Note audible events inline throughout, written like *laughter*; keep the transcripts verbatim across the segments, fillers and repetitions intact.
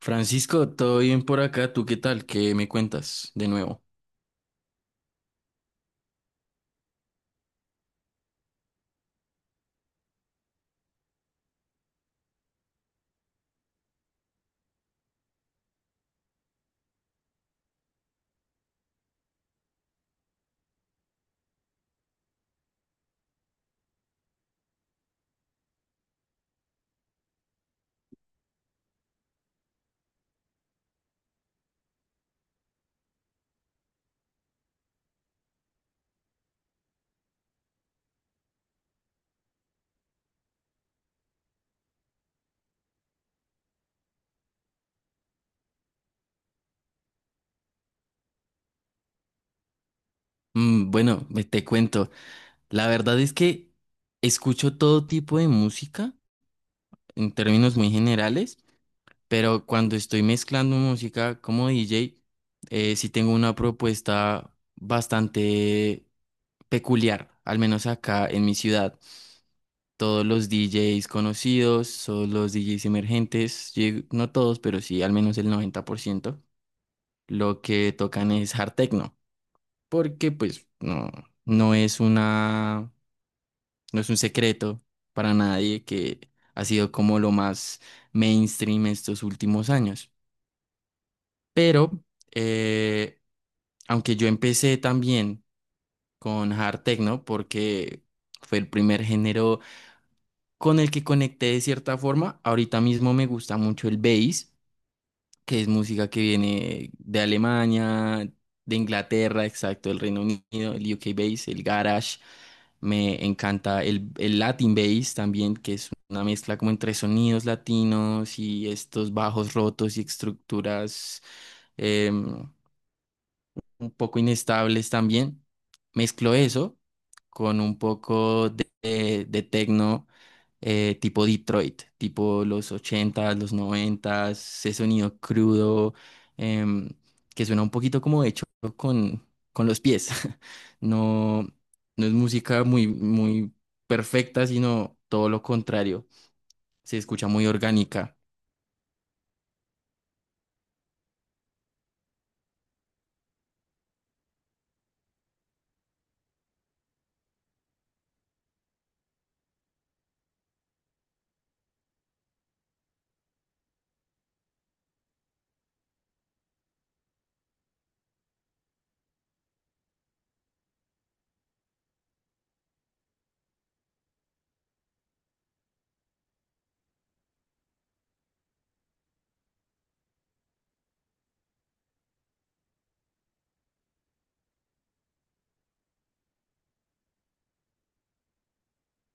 Francisco, ¿todo bien por acá? ¿Tú qué tal? ¿Qué me cuentas de nuevo? Mm, bueno, me- te cuento. La verdad es que escucho todo tipo de música en términos muy generales, pero cuando estoy mezclando música como D J, eh, sí tengo una propuesta bastante peculiar, al menos acá en mi ciudad. Todos los D Js conocidos, todos los D Js emergentes, lleg- no todos, pero sí al menos el noventa por ciento, lo que tocan es hard techno. Porque pues no, no es una, no es un secreto para nadie que ha sido como lo más mainstream estos últimos años. Pero eh, aunque yo empecé también con hard techno porque fue el primer género con el que conecté de cierta forma, ahorita mismo me gusta mucho el bass que es música que viene de Alemania, de Inglaterra, exacto, el Reino Unido, el U K bass, el garage. Me encanta el, el Latin bass también, que es una mezcla como entre sonidos latinos y estos bajos rotos y estructuras em, un poco inestables también. Mezclo eso con un poco de, de, de techno eh, tipo Detroit, tipo los ochentas, los noventas, ese sonido crudo em, que suena un poquito como hecho con, con los pies. *laughs* No, no es música muy, muy perfecta, sino todo lo contrario. Se escucha muy orgánica.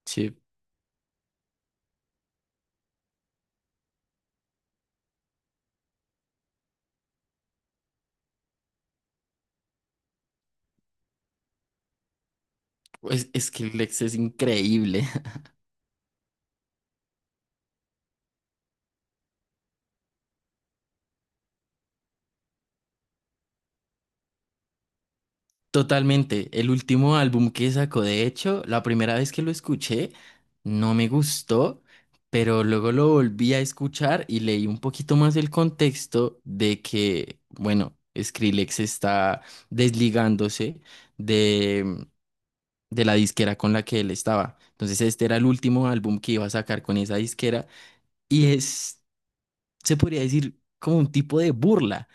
Sí, es, es que Lex es increíble. Totalmente. El último álbum que sacó, de hecho, la primera vez que lo escuché, no me gustó, pero luego lo volví a escuchar y leí un poquito más el contexto de que, bueno, Skrillex está desligándose de, de la disquera con la que él estaba. Entonces, este era el último álbum que iba a sacar con esa disquera y es, se podría decir, como un tipo de burla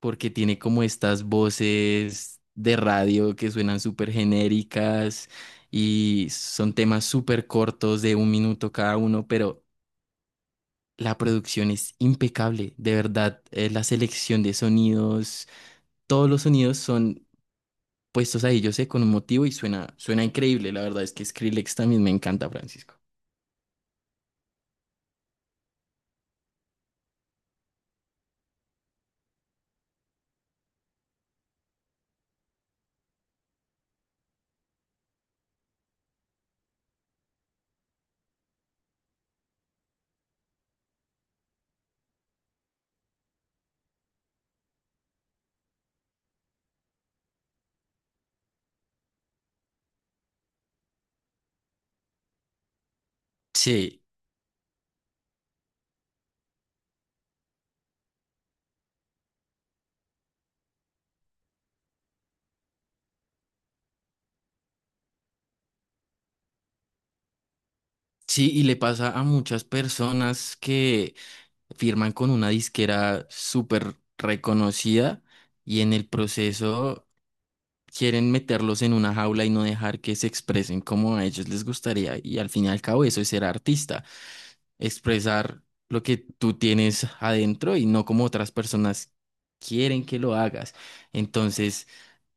porque tiene como estas voces de radio que suenan súper genéricas y son temas súper cortos de un minuto cada uno, pero la producción es impecable, de verdad, eh, la selección de sonidos, todos los sonidos son puestos ahí, yo sé, con un motivo y suena, suena increíble, la verdad es que Skrillex también me encanta, Francisco. Sí, sí, y le pasa a muchas personas que firman con una disquera súper reconocida y en el proceso quieren meterlos en una jaula y no dejar que se expresen como a ellos les gustaría. Y al fin y al cabo eso es ser artista, expresar lo que tú tienes adentro y no como otras personas quieren que lo hagas. Entonces,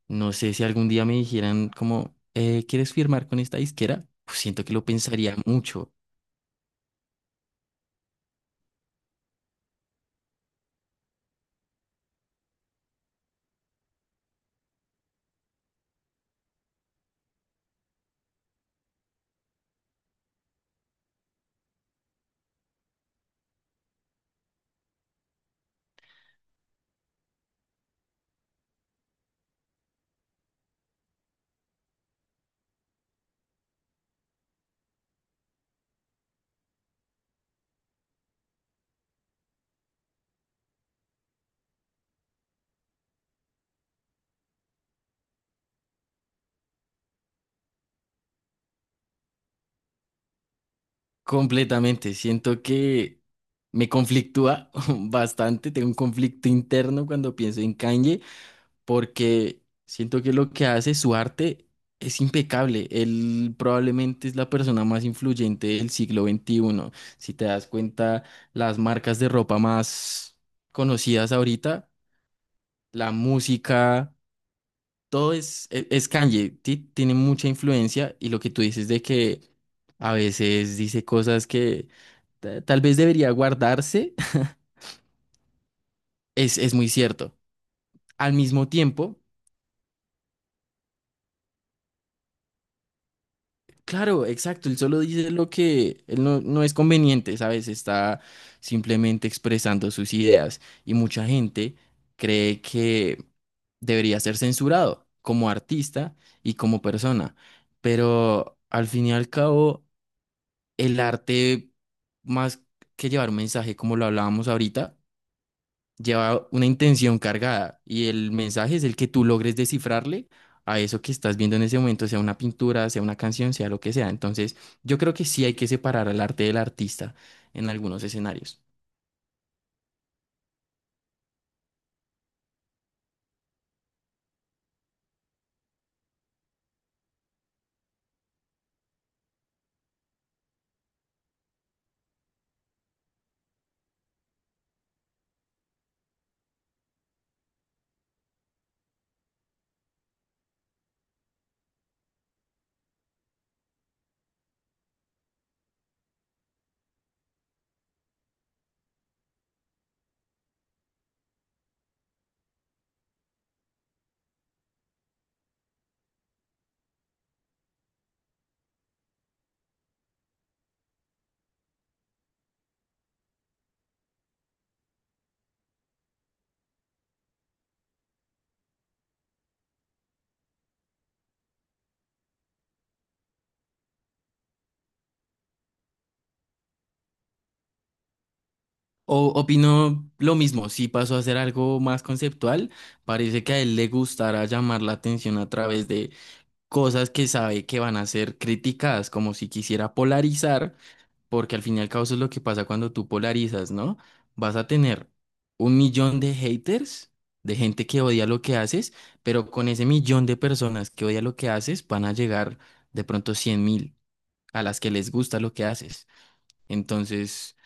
no sé si algún día me dijeran como, "Eh, ¿quieres firmar con esta disquera?" Pues siento que lo pensaría mucho. Completamente. Siento que me conflictúa *laughs* bastante. Tengo un conflicto interno cuando pienso en Kanye, porque siento que lo que hace, su arte, es impecable. Él probablemente es la persona más influyente del siglo veintiuno. Si te das cuenta, las marcas de ropa más conocidas ahorita, la música todo es, e- es Kanye, ti- tiene mucha influencia y lo que tú dices de que a veces dice cosas que ta- tal vez debería guardarse, *laughs* es, es muy cierto. Al mismo tiempo, claro, exacto, él solo dice lo que él no, no es conveniente, ¿sabes? Está simplemente expresando sus ideas y mucha gente cree que debería ser censurado como artista y como persona, pero al fin y al cabo, el arte, más que llevar un mensaje, como lo hablábamos ahorita, lleva una intención cargada y el mensaje es el que tú logres descifrarle a eso que estás viendo en ese momento, sea una pintura, sea una canción, sea lo que sea. Entonces, yo creo que sí hay que separar al arte del artista en algunos escenarios. O opino lo mismo, si pasó a ser algo más conceptual, parece que a él le gustará llamar la atención a través de cosas que sabe que van a ser criticadas, como si quisiera polarizar. Porque al fin y al cabo eso es lo que pasa cuando tú polarizas, ¿no? Vas a tener un millón de haters, de gente que odia lo que haces, pero con ese millón de personas que odia lo que haces, van a llegar de pronto cien mil a las que les gusta lo que haces. Entonces,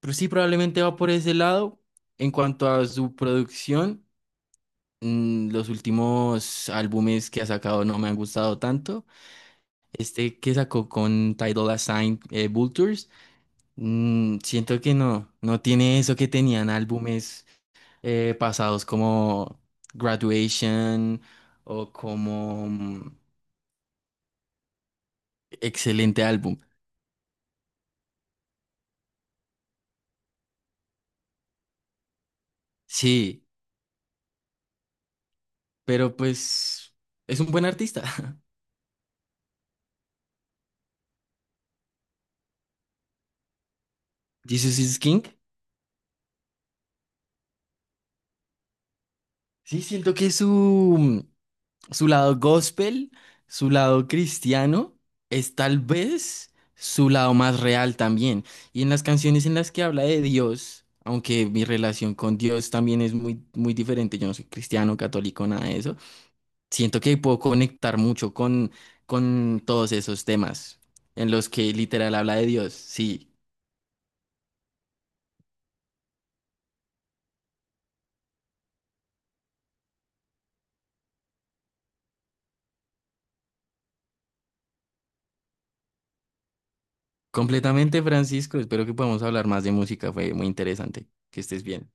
pues sí, probablemente va por ese lado. En cuanto a su producción, mm, los últimos álbumes que ha sacado no me han gustado tanto. Este que sacó con Tidal Assigned, eh, Vultures. Mm, siento que no, no tiene eso que tenían álbumes eh, pasados como Graduation o como mm, excelente álbum. Sí, pero pues es un buen artista. *laughs* Jesus is King. Sí, siento que su su lado gospel, su lado cristiano, es tal vez su lado más real también. Y en las canciones en las que habla de Dios, aunque mi relación con Dios también es muy, muy diferente, yo no soy cristiano, católico, nada de eso, siento que puedo conectar mucho con, con todos esos temas en los que literal habla de Dios. Sí, completamente, Francisco, espero que podamos hablar más de música, fue muy interesante, que estés bien.